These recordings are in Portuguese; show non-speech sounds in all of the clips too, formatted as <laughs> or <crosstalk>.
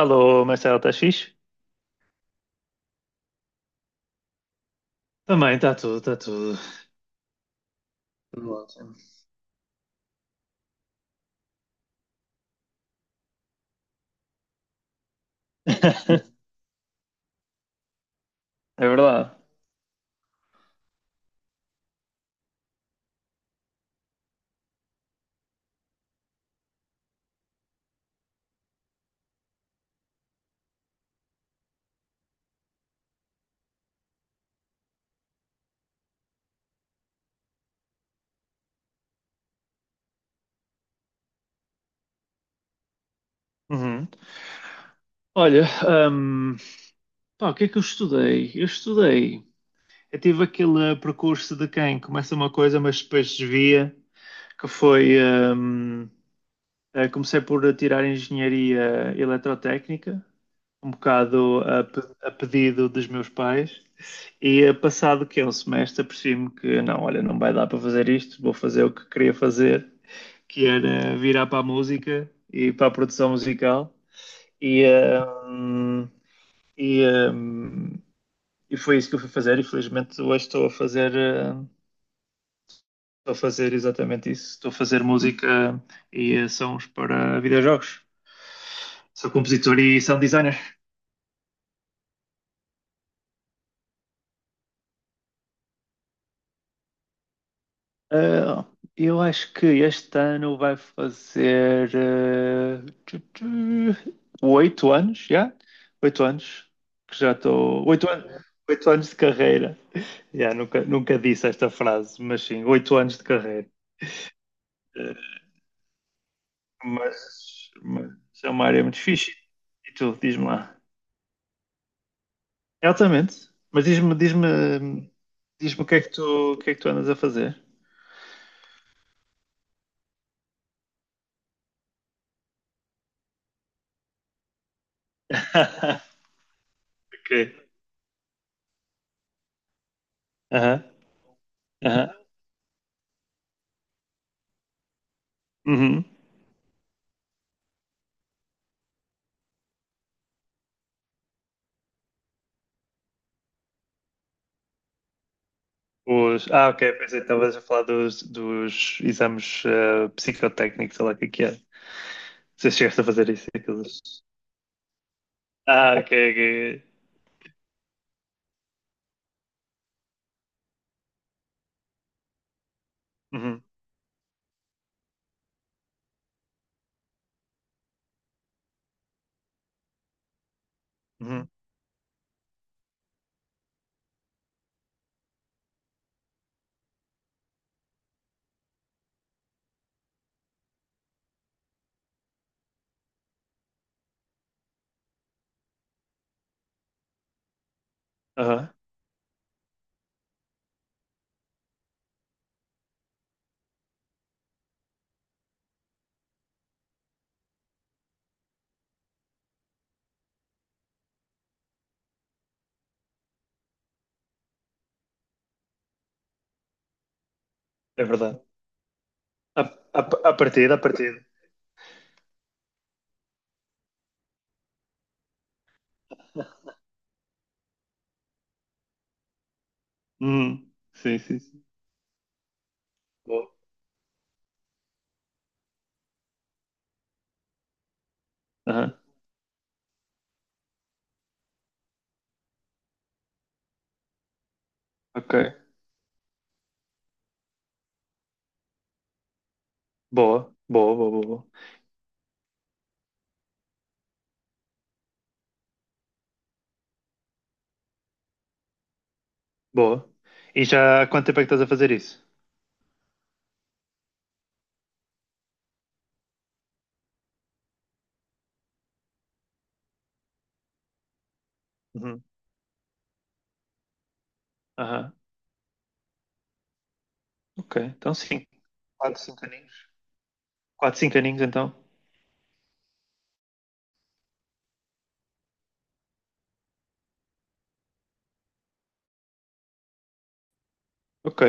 Alô, Marcelo, estás fixe? Também, está tudo, está tudo. Tudo ótimo. <laughs> É verdade. Uhum. Olha, pá, o que é que eu estudei? Eu estudei. Eu tive aquele percurso de quem começa uma coisa, mas depois desvia, que foi. ahm, comecei por tirar engenharia eletrotécnica, um bocado a, a pedido dos meus pais, e passado que é um semestre, apercebi-me que não, olha, não vai dar para fazer isto, vou fazer o que queria fazer, que era virar para a música e para a produção musical. E, um, e, um, e foi isso que eu fui fazer. E felizmente hoje estou a fazer exatamente isso. Estou a fazer música e sons para videojogos. Sou compositor e sound designer. Ah, eu acho que este ano vai fazer tu, tu, 8 anos, já? 8 anos que já estou. 8 anos de carreira. Já, nunca disse esta frase, mas sim, 8 anos de carreira. Eh, mas é uma área muito fixe. E tu, diz-me lá. É altamente. Diz-me o que é que o que é que tu andas a fazer. <laughs> Ok. Aham, aham. Uhum. Ah, ok, pensei que estavas a falar dos, dos exames psicotécnicos, sei lá o que é que é. Se chegaste a fazer isso, aqueles. Ah, ok, ok. Uhum, uhum, aham. É verdade. A, a, a partida, a partida. Uhum. Sim, sim, sim. Boa. Aham. Ok. Boa, boa, boa, boa, boa. Boa. E já há quanto tempo é que estás a fazer isso? Uhum. Aham. Ok, então sim. Quatro 5 aninhos. Quatro 5 aninhos, então. Ok.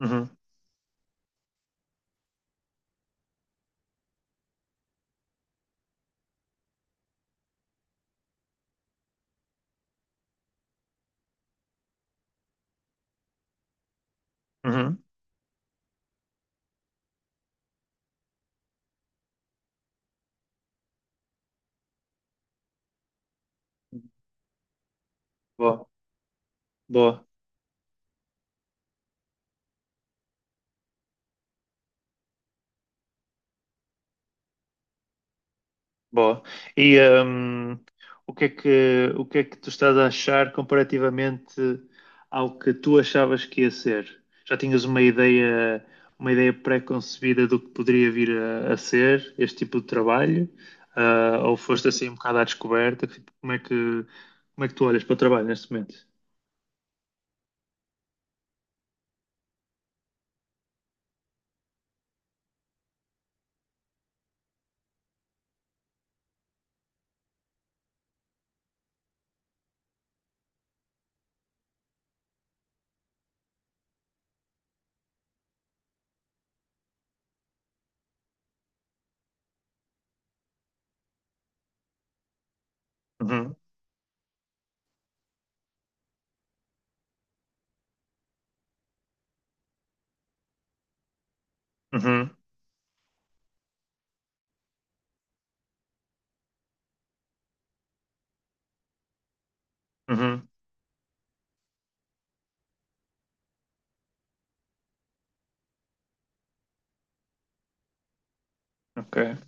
Uhum, uhum. Boa, boa, boa. E o que é que, o que é que tu estás a achar comparativamente ao que tu achavas que ia ser? Já tinhas uma ideia pré-concebida do que poderia vir a ser este tipo de trabalho? Ah, ou foste assim um bocado à descoberta? Tipo, como é que, como é que tu olhas para o trabalho neste momento? Uhum, uhum, uhum. Ok.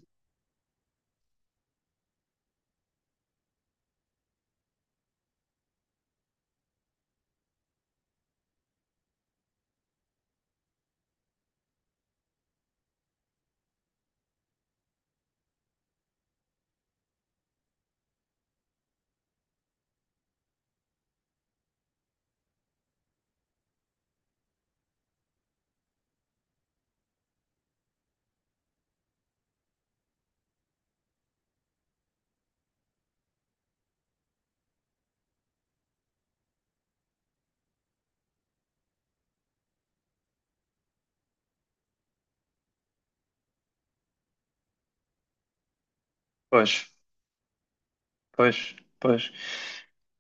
Pois. Pois, pois.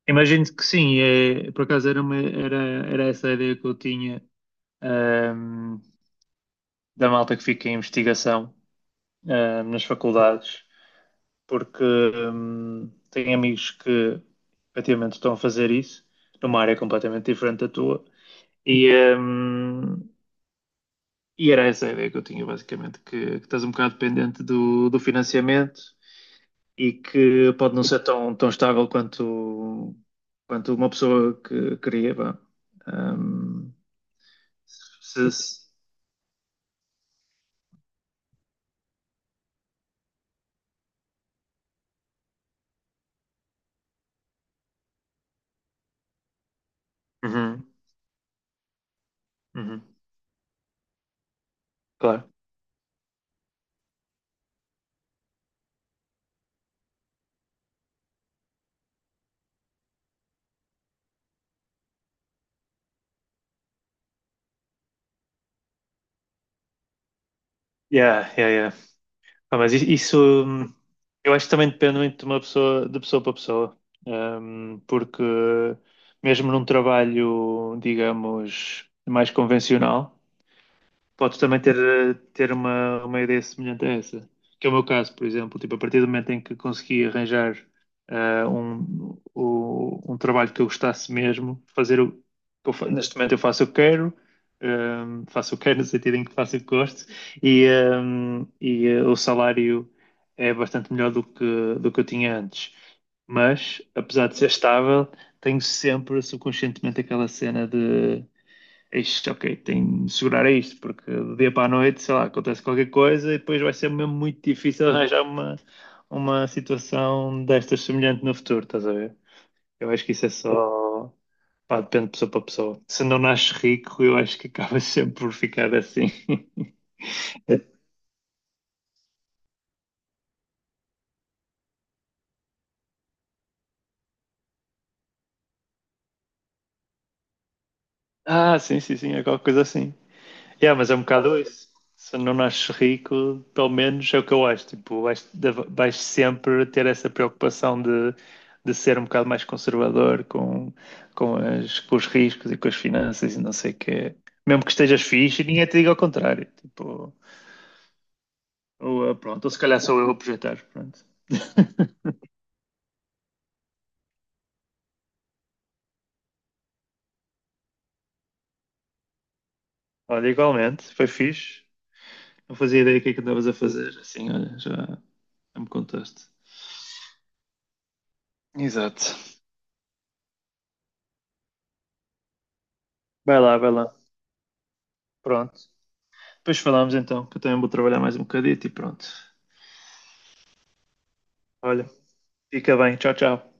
Imagino que sim, é, por acaso era essa a ideia que eu tinha, ahm, da malta que fica em investigação, nas faculdades, porque, tenho amigos que efetivamente estão a fazer isso, numa área completamente diferente da tua, e, ahm, e era essa a ideia que eu tinha, basicamente, que estás um bocado dependente do, do financiamento, e que pode não ser tão, tão estável quanto, quanto uma pessoa que queria, vá. Um, se- se- Uhum, uhum, claro. Yeah, yeah, yeah. Ah, mas i- isso hum, eu acho que também depende muito de uma pessoa, de pessoa para pessoa. Porque mesmo num trabalho, digamos, mais convencional, podes também ter, uma ideia semelhante a essa. Que é o meu caso, por exemplo. Tipo, a partir do momento em que consegui arranjar um trabalho que eu gostasse mesmo, fazer o que eu neste momento eu faço o que quero, faço o que quero no sentido em que faço o que gosto, e o salário é bastante melhor do que eu tinha antes. Mas, apesar de ser estável, tenho sempre subconscientemente aquela cena de. Isto, ok, tenho de segurar a isto, porque do dia para a noite, sei lá, acontece qualquer coisa e depois vai ser mesmo muito difícil arranjar uma situação destas semelhante no futuro, estás a ver? Eu acho que isso é só. Pá, depende de pessoa para pessoa. Se não nasces rico, eu acho que acabas <laughs> sempre por ficar assim. <laughs> Ah, sim, sim, sim, é qualquer coisa assim. Yeah, mas é um bocado isso. Se não nasces rico, pelo menos é o que eu acho. Tipo, vais, vais sempre ter essa preocupação de ser um bocado mais conservador com, com os riscos e com as finanças e não sei o quê. Mesmo que estejas fixe, ninguém te diga ao contrário. Tipo, ou, ah, pronto, ou se calhar sou eu a projetar. Pronto. Olha, igualmente, foi fixe. Não fazia ideia do que é que andavas a fazer. Assim, olha, já, já me contaste. Exato. Vai lá, vai lá. Pronto. Depois falamos então, que eu também vou trabalhar mais um bocadito e pronto. Olha, fica bem. Tchau, tchau.